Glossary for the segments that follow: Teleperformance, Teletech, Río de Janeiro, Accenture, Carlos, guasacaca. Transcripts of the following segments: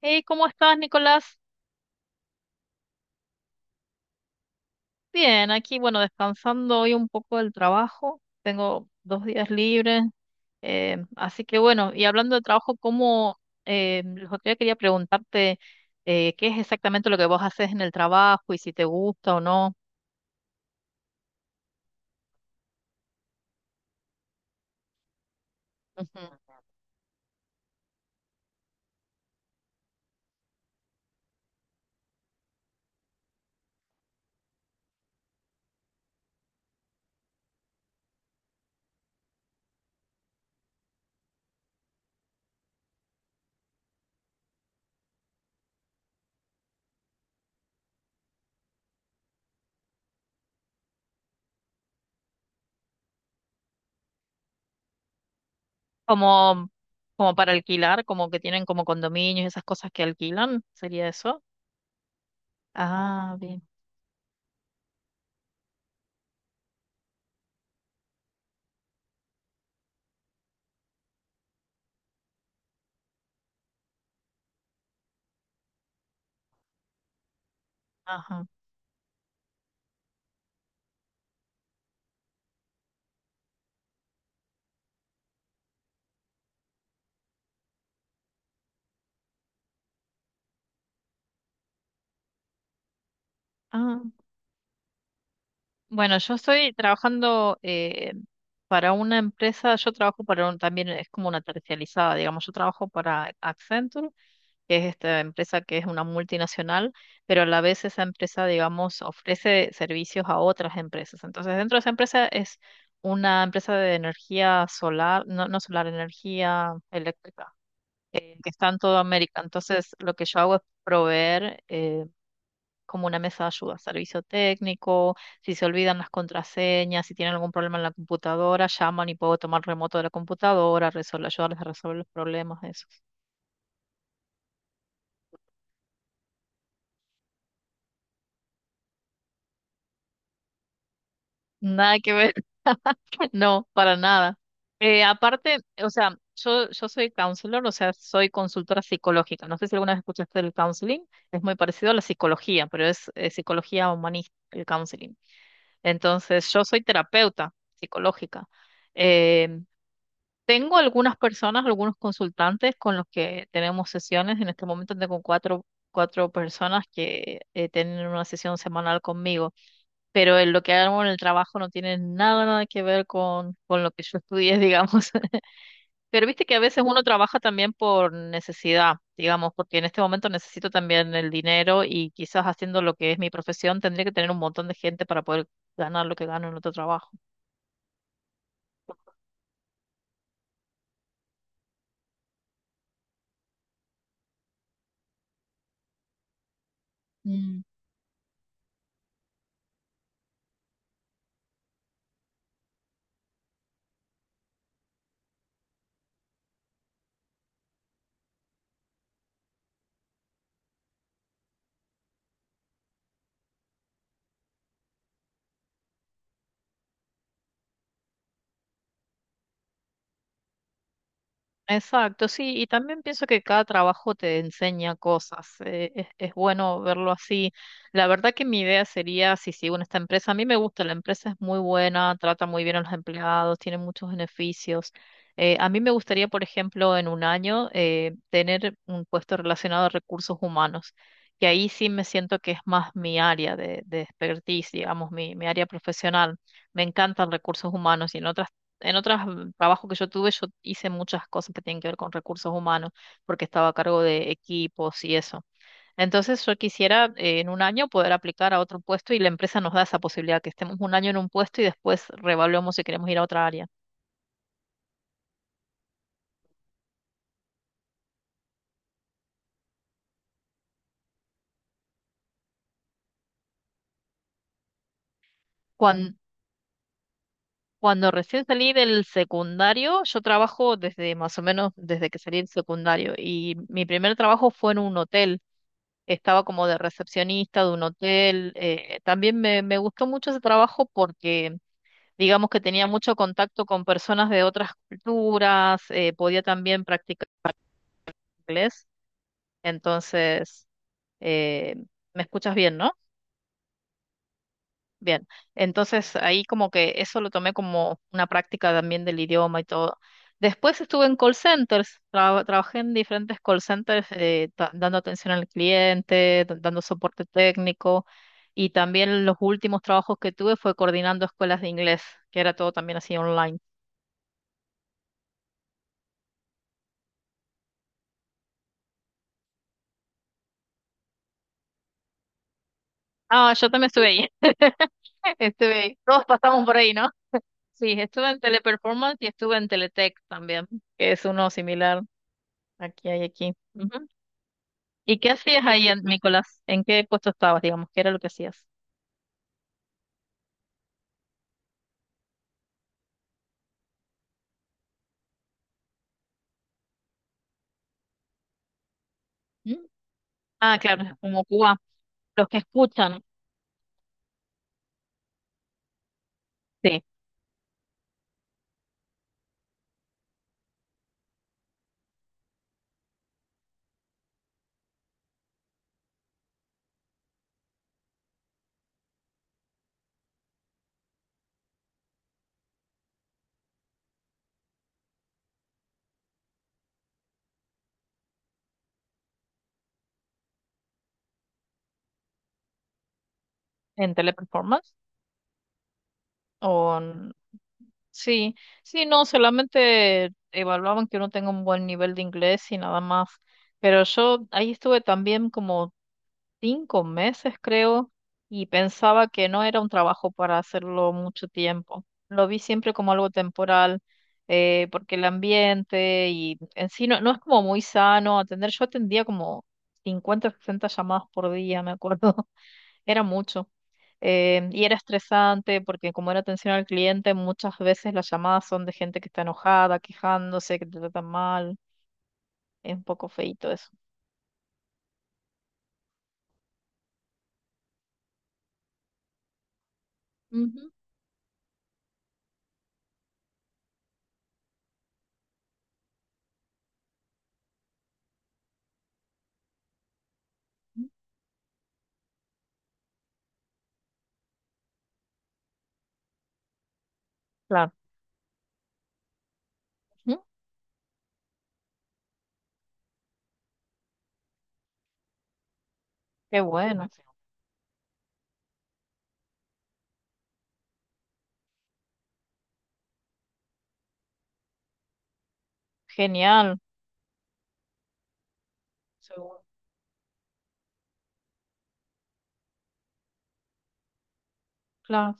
Hey, ¿cómo estás, Nicolás? Bien, aquí, bueno, descansando hoy un poco del trabajo. Tengo dos días libres. Así que bueno, y hablando de trabajo, lo que quería preguntarte, ¿qué es exactamente lo que vos haces en el trabajo y si te gusta o no? Ujú. Como, como para alquilar, como que tienen como condominios, esas cosas que alquilan, ¿sería eso? Ah, bien. Ajá. Ah, bueno, yo estoy trabajando para una empresa, yo trabajo para un, también es como una terciarizada, digamos, yo trabajo para Accenture, que es esta empresa que es una multinacional, pero a la vez esa empresa, digamos, ofrece servicios a otras empresas. Entonces, dentro de esa empresa es una empresa de energía solar, no, no solar, energía eléctrica, que está en toda América. Entonces, lo que yo hago es proveer como una mesa de ayuda, servicio técnico, si se olvidan las contraseñas, si tienen algún problema en la computadora, llaman y puedo tomar remoto de la computadora, resolver, ayudarles a resolver los problemas, eso. Nada que ver, no, para nada. Aparte, o sea, yo soy counselor, o sea, soy consultora psicológica. No sé si alguna vez escuchaste el counseling, es muy parecido a la psicología, pero es psicología humanista, el counseling. Entonces, yo soy terapeuta psicológica. Em, Tengo algunas personas, algunos consultantes con los que tenemos sesiones. En este momento tengo cuatro personas que tienen una sesión semanal conmigo, pero en lo que hago en el trabajo no tiene nada que ver con lo que yo estudié, digamos. Pero viste que a veces uno trabaja también por necesidad, digamos, porque en este momento necesito también el dinero y quizás haciendo lo que es mi profesión tendría que tener un montón de gente para poder ganar lo que gano en otro trabajo. Exacto, sí, y también pienso que cada trabajo te enseña cosas, es bueno verlo así. La verdad que mi idea sería, si sigo en esta empresa, a mí me gusta, la empresa es muy buena, trata muy bien a los empleados, tiene muchos beneficios. A mí me gustaría, por ejemplo, en un año tener un puesto relacionado a recursos humanos, que ahí sí me siento que es más mi área de expertise, digamos, mi área profesional. Me encantan recursos humanos y en otras en otros trabajos que yo tuve, yo hice muchas cosas que tienen que ver con recursos humanos, porque estaba a cargo de equipos y eso. Entonces yo quisiera en un año poder aplicar a otro puesto y la empresa nos da esa posibilidad, que estemos un año en un puesto y después reevaluamos si queremos ir a otra área. Cuando, cuando recién salí del secundario, yo trabajo desde más o menos desde que salí del secundario y mi primer trabajo fue en un hotel, estaba como de recepcionista de un hotel. También me gustó mucho ese trabajo porque digamos que tenía mucho contacto con personas de otras culturas, podía también practicar inglés, entonces, eh, ¿me escuchas bien, no? Bien, entonces ahí como que eso lo tomé como una práctica también del idioma y todo. Después estuve en call centers, trabajé en diferentes call centers dando atención al cliente, dando soporte técnico y también los últimos trabajos que tuve fue coordinando escuelas de inglés, que era todo también así online. Ah, yo también estuve ahí. Estuve, todos pasamos por ahí, ¿no? Sí, estuve en Teleperformance y estuve en Teletech también, que es uno similar aquí hay aquí. Ujú. ¿Y qué hacías ahí, en- Nicolás? ¿En qué puesto estabas, digamos? ¿Qué era lo que hacías? ¿Mm? Ah, claro, como Cuba, los que escuchan, sí, en Teleperformance o en- sí, sí, no, solamente evaluaban que uno tenga un buen nivel de inglés y nada más. Pero yo ahí estuve también como 5 meses, creo, y pensaba que no era un trabajo para hacerlo mucho tiempo. Lo vi siempre como algo temporal, porque el ambiente y en sí no, no es como muy sano atender. Yo atendía como 50 o 60 llamadas por día, me acuerdo, era mucho. Y era estresante porque como era atención al cliente, muchas veces las llamadas son de gente que está enojada, quejándose, que te tratan mal. Es un poco feito eso. Ujú. Claro. Ujú. Qué bueno, genial. Seguro. Claro.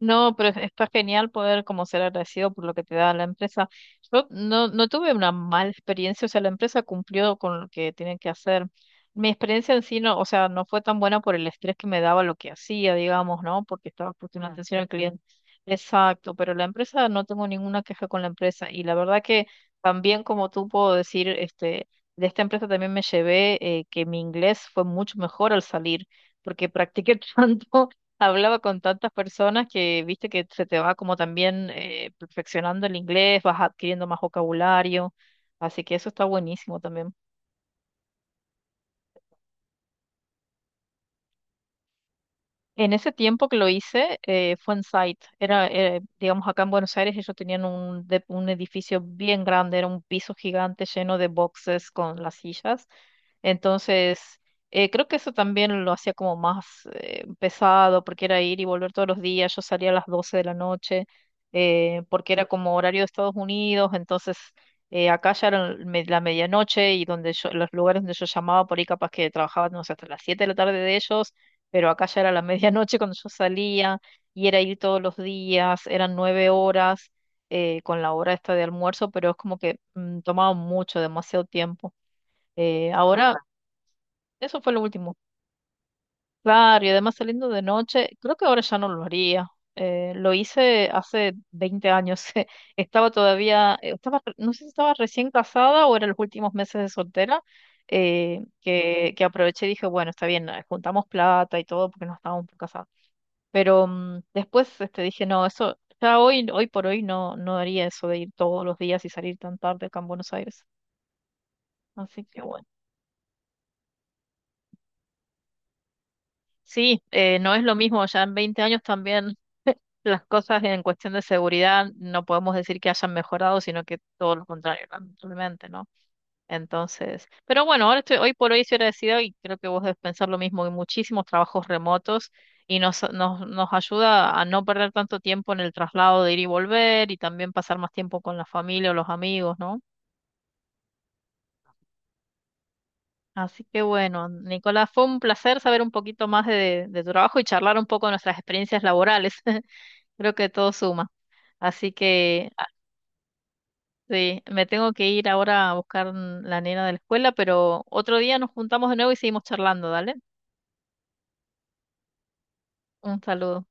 No, pero está genial poder como ser agradecido por lo que te da la empresa. Yo no, no tuve una mala experiencia, o sea, la empresa cumplió con lo que tiene que hacer. Mi experiencia en sí no, o sea, no fue tan buena por el estrés que me daba lo que hacía, digamos, ¿no? Porque estaba puesto una atención al cliente. Exacto, pero la empresa, no tengo ninguna queja con la empresa. Y la verdad que también como tú puedo decir, este, de esta empresa también me llevé que mi inglés fue mucho mejor al salir porque practiqué tanto, hablaba con tantas personas que viste que se te va como también perfeccionando el inglés, vas adquiriendo más vocabulario, así que eso está buenísimo también. En ese tiempo que lo hice, fue en site. Era, digamos, acá en Buenos Aires ellos tenían un, un edificio bien grande, era un piso gigante lleno de boxes con las sillas. Entonces, creo que eso también lo hacía como más pesado, porque era ir y volver todos los días. Yo salía a las 12 de la noche, porque era como horario de Estados Unidos. Entonces, acá ya era el la medianoche y donde yo, los lugares donde yo llamaba por ahí, capaz que trabajaban no sé, hasta las 7 de la tarde de ellos, pero acá ya era la medianoche cuando yo salía y era ir todos los días, eran 9 horas con la hora esta de almuerzo, pero es como que tomaba mucho, demasiado tiempo. Ahora, eso fue lo último. Claro, y además saliendo de noche, creo que ahora ya no lo haría. Lo hice hace 20 años. Estaba todavía, estaba, no sé si estaba recién casada o eran los últimos meses de soltera, que aproveché y dije, bueno, está bien, juntamos plata y todo porque no estábamos casados, pero después este, dije, no, eso, ya hoy, hoy por hoy no, no haría eso de ir todos los días y salir tan tarde acá en Buenos Aires. Así que bueno. Sí, no es lo mismo, ya en 20 años también las cosas en cuestión de seguridad no podemos decir que hayan mejorado, sino que todo lo contrario, lamentablemente, ¿no? Entonces, pero bueno, ahora estoy, hoy por hoy estoy agradecida y creo que vos debes pensar lo mismo. Hay muchísimos trabajos remotos y nos ayuda a no perder tanto tiempo en el traslado de ir y volver y también pasar más tiempo con la familia o los amigos, ¿no? Así que bueno, Nicolás, fue un placer saber un poquito más de tu trabajo y charlar un poco de nuestras experiencias laborales. Creo que todo suma. Así que ah, sí, me tengo que ir ahora a buscar la nena de la escuela, pero otro día nos juntamos de nuevo y seguimos charlando, ¿dale? Un saludo.